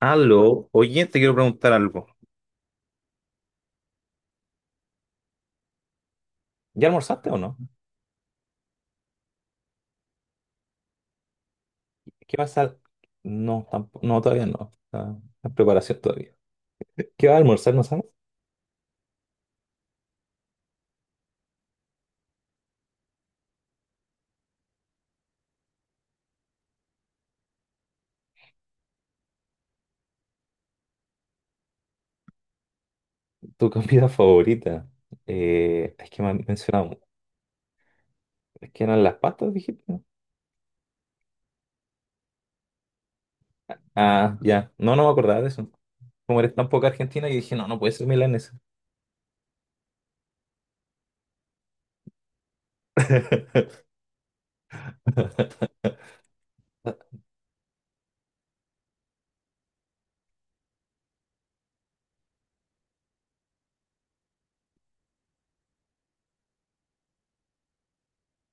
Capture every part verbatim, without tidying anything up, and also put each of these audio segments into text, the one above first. Aló, oye, te quiero preguntar algo. ¿Ya almorzaste o no? ¿Qué vas a...? No, tampoco, no, todavía no. Está en preparación todavía. ¿Qué vas a almorzar, no sabes? ¿Tu comida favorita? Eh, es que me han mencionado, es que eran las pastas, dijiste. ¿No? Ah, ya. No, no me acordaba de eso. Como eres tan poca argentina, yo dije, no, no puede ser milanesa.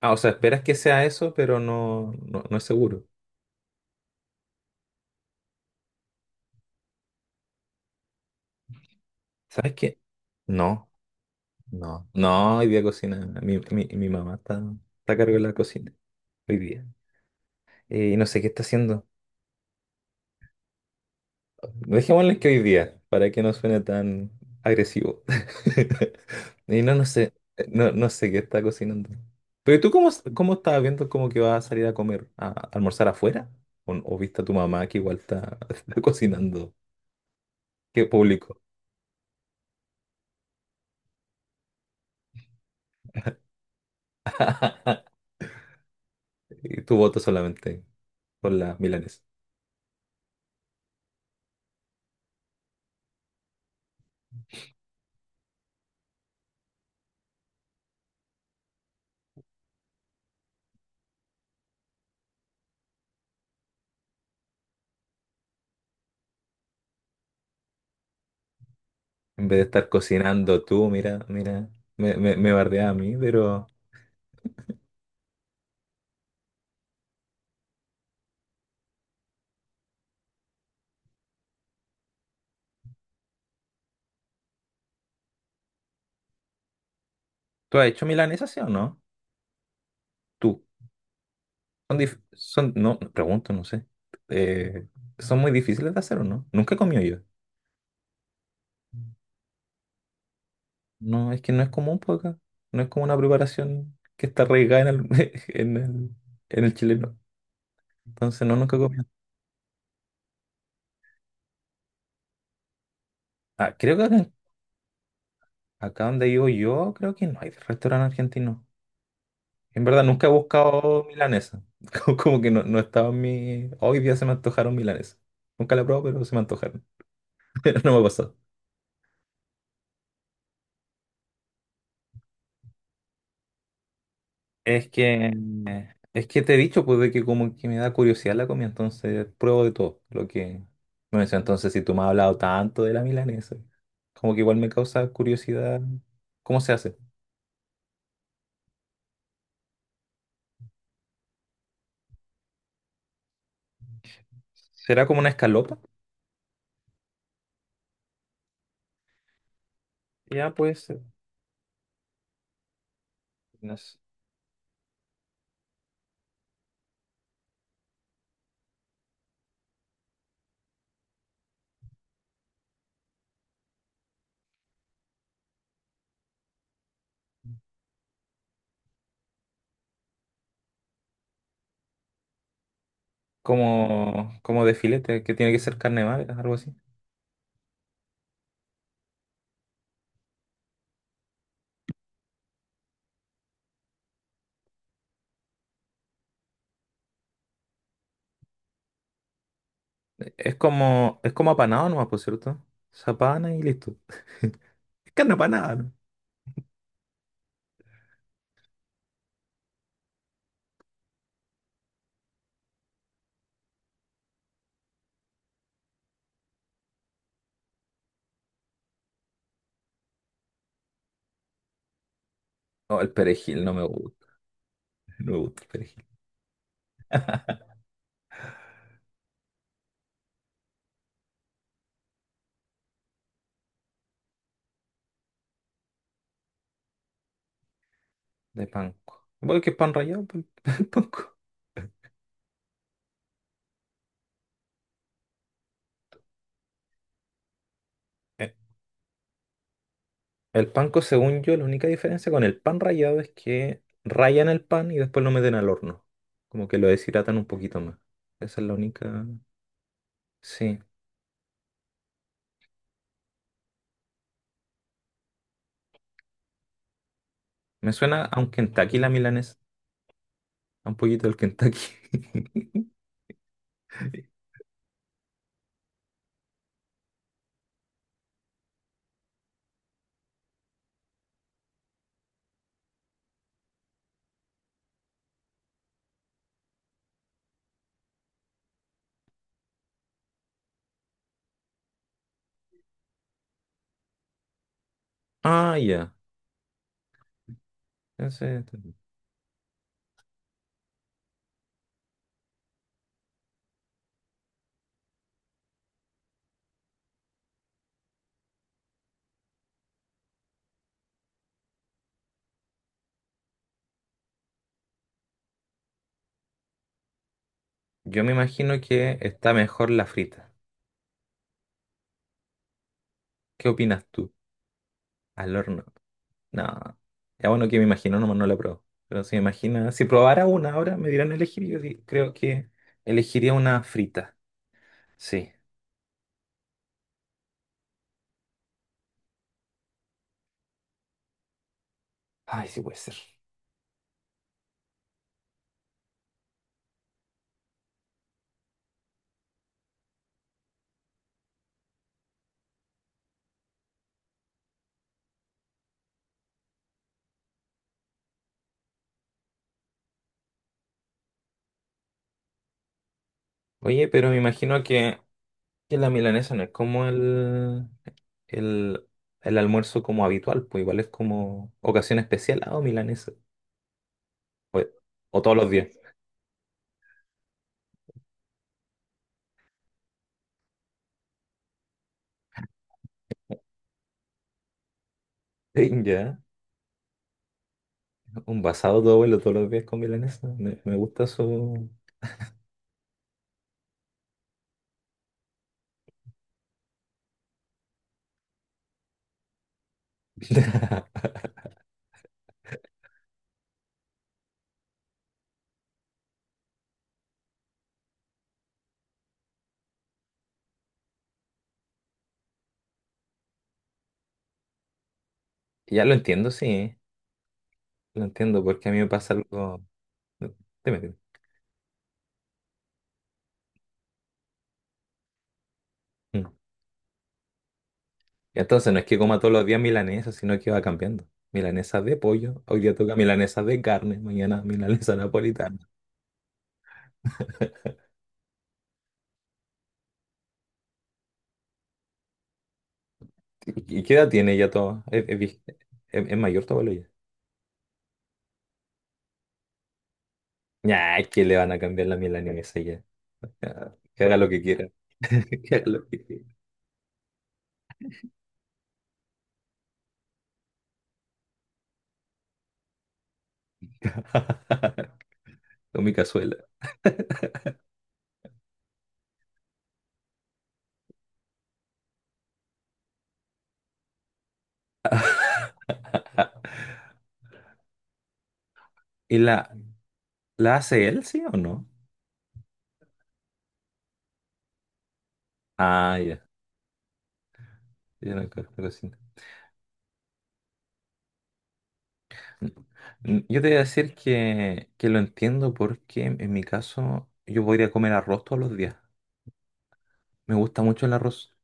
Ah, o sea, esperas que sea eso, pero no, no, no es seguro. ¿Sabes qué? No. No, no, hoy día cocina. Mi, mi, mi mamá está, está a cargo de la cocina hoy día. Eh, Y no sé qué está haciendo. Dejémosle que hoy día, para que no suene tan agresivo. Y no, no sé, eh, no, no sé qué está cocinando. Pero ¿y tú cómo, cómo estabas viendo como que vas a salir a comer, a, almorzar afuera? ¿O, o viste a tu mamá que igual está, está cocinando? ¿Qué público? Ah, y tu voto solamente por las milanesa. En vez de estar cocinando tú, mira, mira, me, me, me bardea a mí, pero... ¿Tú has hecho milanesa, sí o no? Tú. Son, dif- son, no, pregunto, no sé. Eh, ¿Son muy difíciles de hacer o no? Nunca he comido yo. No, es que no es común por acá. No es como una preparación que está arraigada en el, en el, en el chileno. Entonces, no, nunca he comido. Ah, creo que acá, acá donde vivo yo, creo que no hay restaurante argentino. En verdad, nunca he buscado milanesa. Como, como que no, no estaba en mi... Hoy día se me antojaron milanesa. Nunca la he probado, pero se me antojaron. No me ha pasado. Es que, es que te he dicho, pues, de que como que me da curiosidad la comida, entonces pruebo de todo lo que me mencionas. Entonces, si tú me has hablado tanto de la milanesa, como que igual me causa curiosidad cómo se hace. ¿Será como una escalopa? Ya puede ser. No sé. Como, como de filete, que tiene que ser carne magra, algo así. Es como, es como apanado nomás, por cierto. Se apana y listo. Es carne apanada, ¿no? No, el perejil no me gusta. No me gusta de panko. Bueno, que es pan rallado, pues, el panko. Eh, El panko, según yo, la única diferencia con el pan rallado es que rayan el pan y después lo meten al horno. Como que lo deshidratan un poquito más. Esa es la única. Sí. Me suena a un Kentucky la milanesa. A un poquito del Kentucky. Ah, ya. Ese- Yo me imagino que está mejor la frita. ¿Qué opinas tú? Al horno. No, ya bueno que me imagino, nomás no la pruebo. Pero si me imagina, si probara una ahora, me dirán elegir, y yo di- creo que elegiría una frita. Sí. Ay, sí puede ser. Oye, pero me imagino que, que la milanesa no es como el, el, el almuerzo como habitual, pues igual es como ocasión especial, ah, o milanesa. O, o todos los días. Sí, ya, un basado todo vuelo todos los días con milanesa. Me, me gusta su... Ya lo entiendo, sí, lo entiendo, porque a mí me pasa algo. No, dime, dime. Mm. Y entonces no es que coma todos los días milanesa, sino que va cambiando. Milanesa de pollo, hoy día toca milanesa de carne, mañana milanesa napolitana. ¿Y y qué edad tiene ya todo? ¿Es, es vie- es- es mayor todo ya? Ya, nah, es que le van a cambiar la milanesa ya. Ya, que haga lo que quiera. Que haga lo que quiera. Con mi cazuela. ¿Y la, la hace él, sí o no? Ah, ya. Yo no, creo- creo que sí. Mm, yo te voy a decir que, que lo entiendo porque en mi caso yo podría comer arroz todos los días. Me gusta mucho el arroz.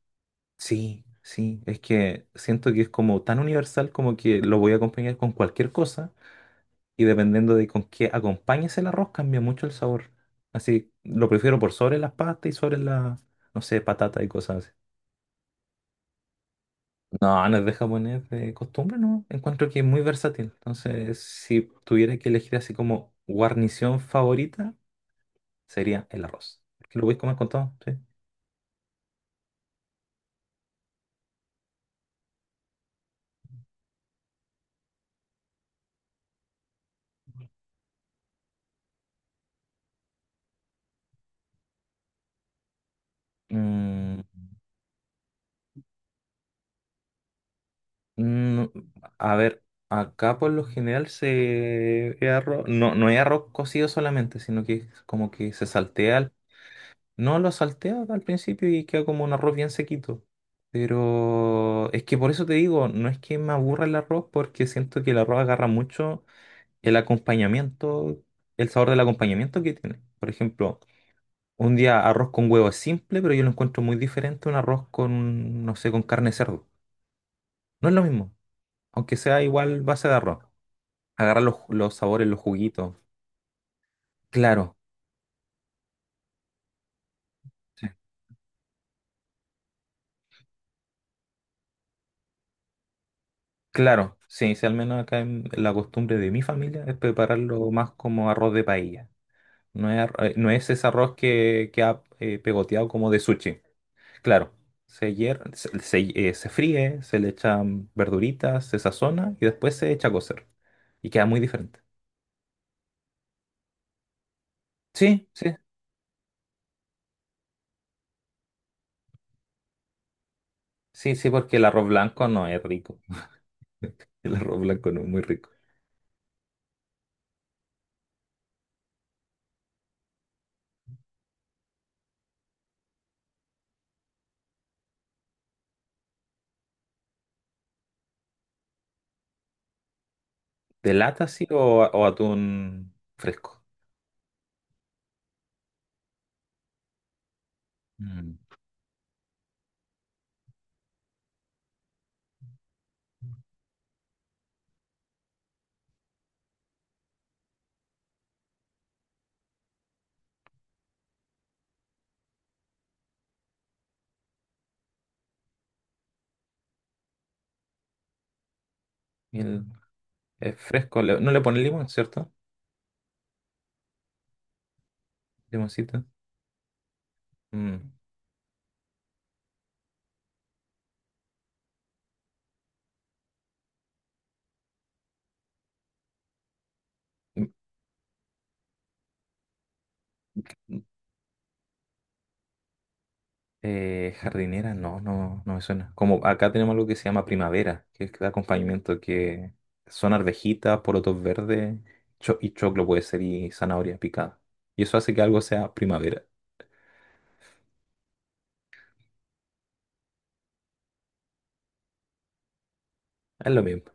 Sí, sí, es que siento que es como tan universal como que lo voy a acompañar con cualquier cosa y dependiendo de con qué acompañes el arroz cambia mucho el sabor. Así lo prefiero por sobre las pastas y sobre las, no sé, patatas y cosas así. No, no es de japonés de costumbre, no. Encuentro que es muy versátil. Entonces, si tuviera que elegir así como guarnición favorita, sería el arroz. Porque lo voy a comer con todo, ¿sí? Mm, mm, a ver, acá por lo general se es arroz, no, no es arroz cocido solamente, sino que es como que se saltea. Al- No lo saltea al principio y queda como un arroz bien sequito. Pero es que por eso te digo, no es que me aburra el arroz, porque siento que el arroz agarra mucho el acompañamiento, el sabor del acompañamiento que tiene. Por ejemplo, un día arroz con huevo es simple, pero yo lo encuentro muy diferente a un arroz con, no sé, con carne de cerdo. No es lo mismo, aunque sea igual base de arroz. Agarrar los, los sabores, los juguitos. Claro, sí, claro. Sí, sí, al menos acá en la costumbre de mi familia es prepararlo más como arroz de paella. No es, arro- eh, no es ese arroz que, que ha eh, pegoteado como de sushi. Claro, se, hier- se, se, eh, se fríe, se le echan verduritas, se sazona y después se echa a cocer. Y queda muy diferente. Sí, sí. Sí, sí, porque el arroz blanco no es rico. El arroz blanco no es muy rico. ¿De lata sí o, o atún fresco? Mm. Y el- es fresco. Le- No le pone limón, ¿cierto? Limoncito. Mm. Mm, mm. Eh, jardinera, no, no, no me suena. Como acá tenemos algo que se llama primavera, que es el acompañamiento que son arvejitas, porotos verdes, cho- y choclo puede ser y zanahoria picada. Y eso hace que algo sea primavera. Es lo mismo.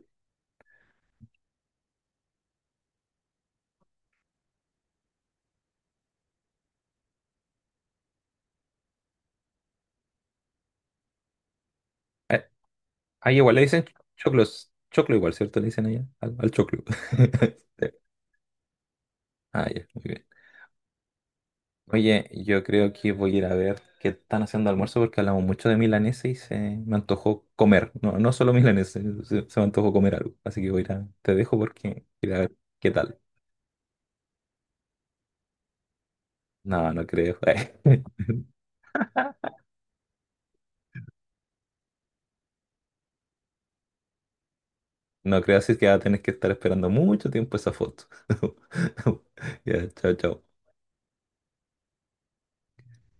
Ahí igual le dicen choclos. Choclo igual, ¿cierto? Le dicen allá al, al choclo. Sí. Ah, ya, muy bien. Oye, yo creo que voy a ir a ver qué están haciendo de almuerzo porque hablamos mucho de milanesa y se me antojó comer. No, no solo milanesa, se, se me antojó comer algo. Así que voy a ir a, te dejo porque voy a ir a ver qué tal. No, no creo. No creo, así que va a tener que estar esperando mucho tiempo esa foto. Ya, chao, chao.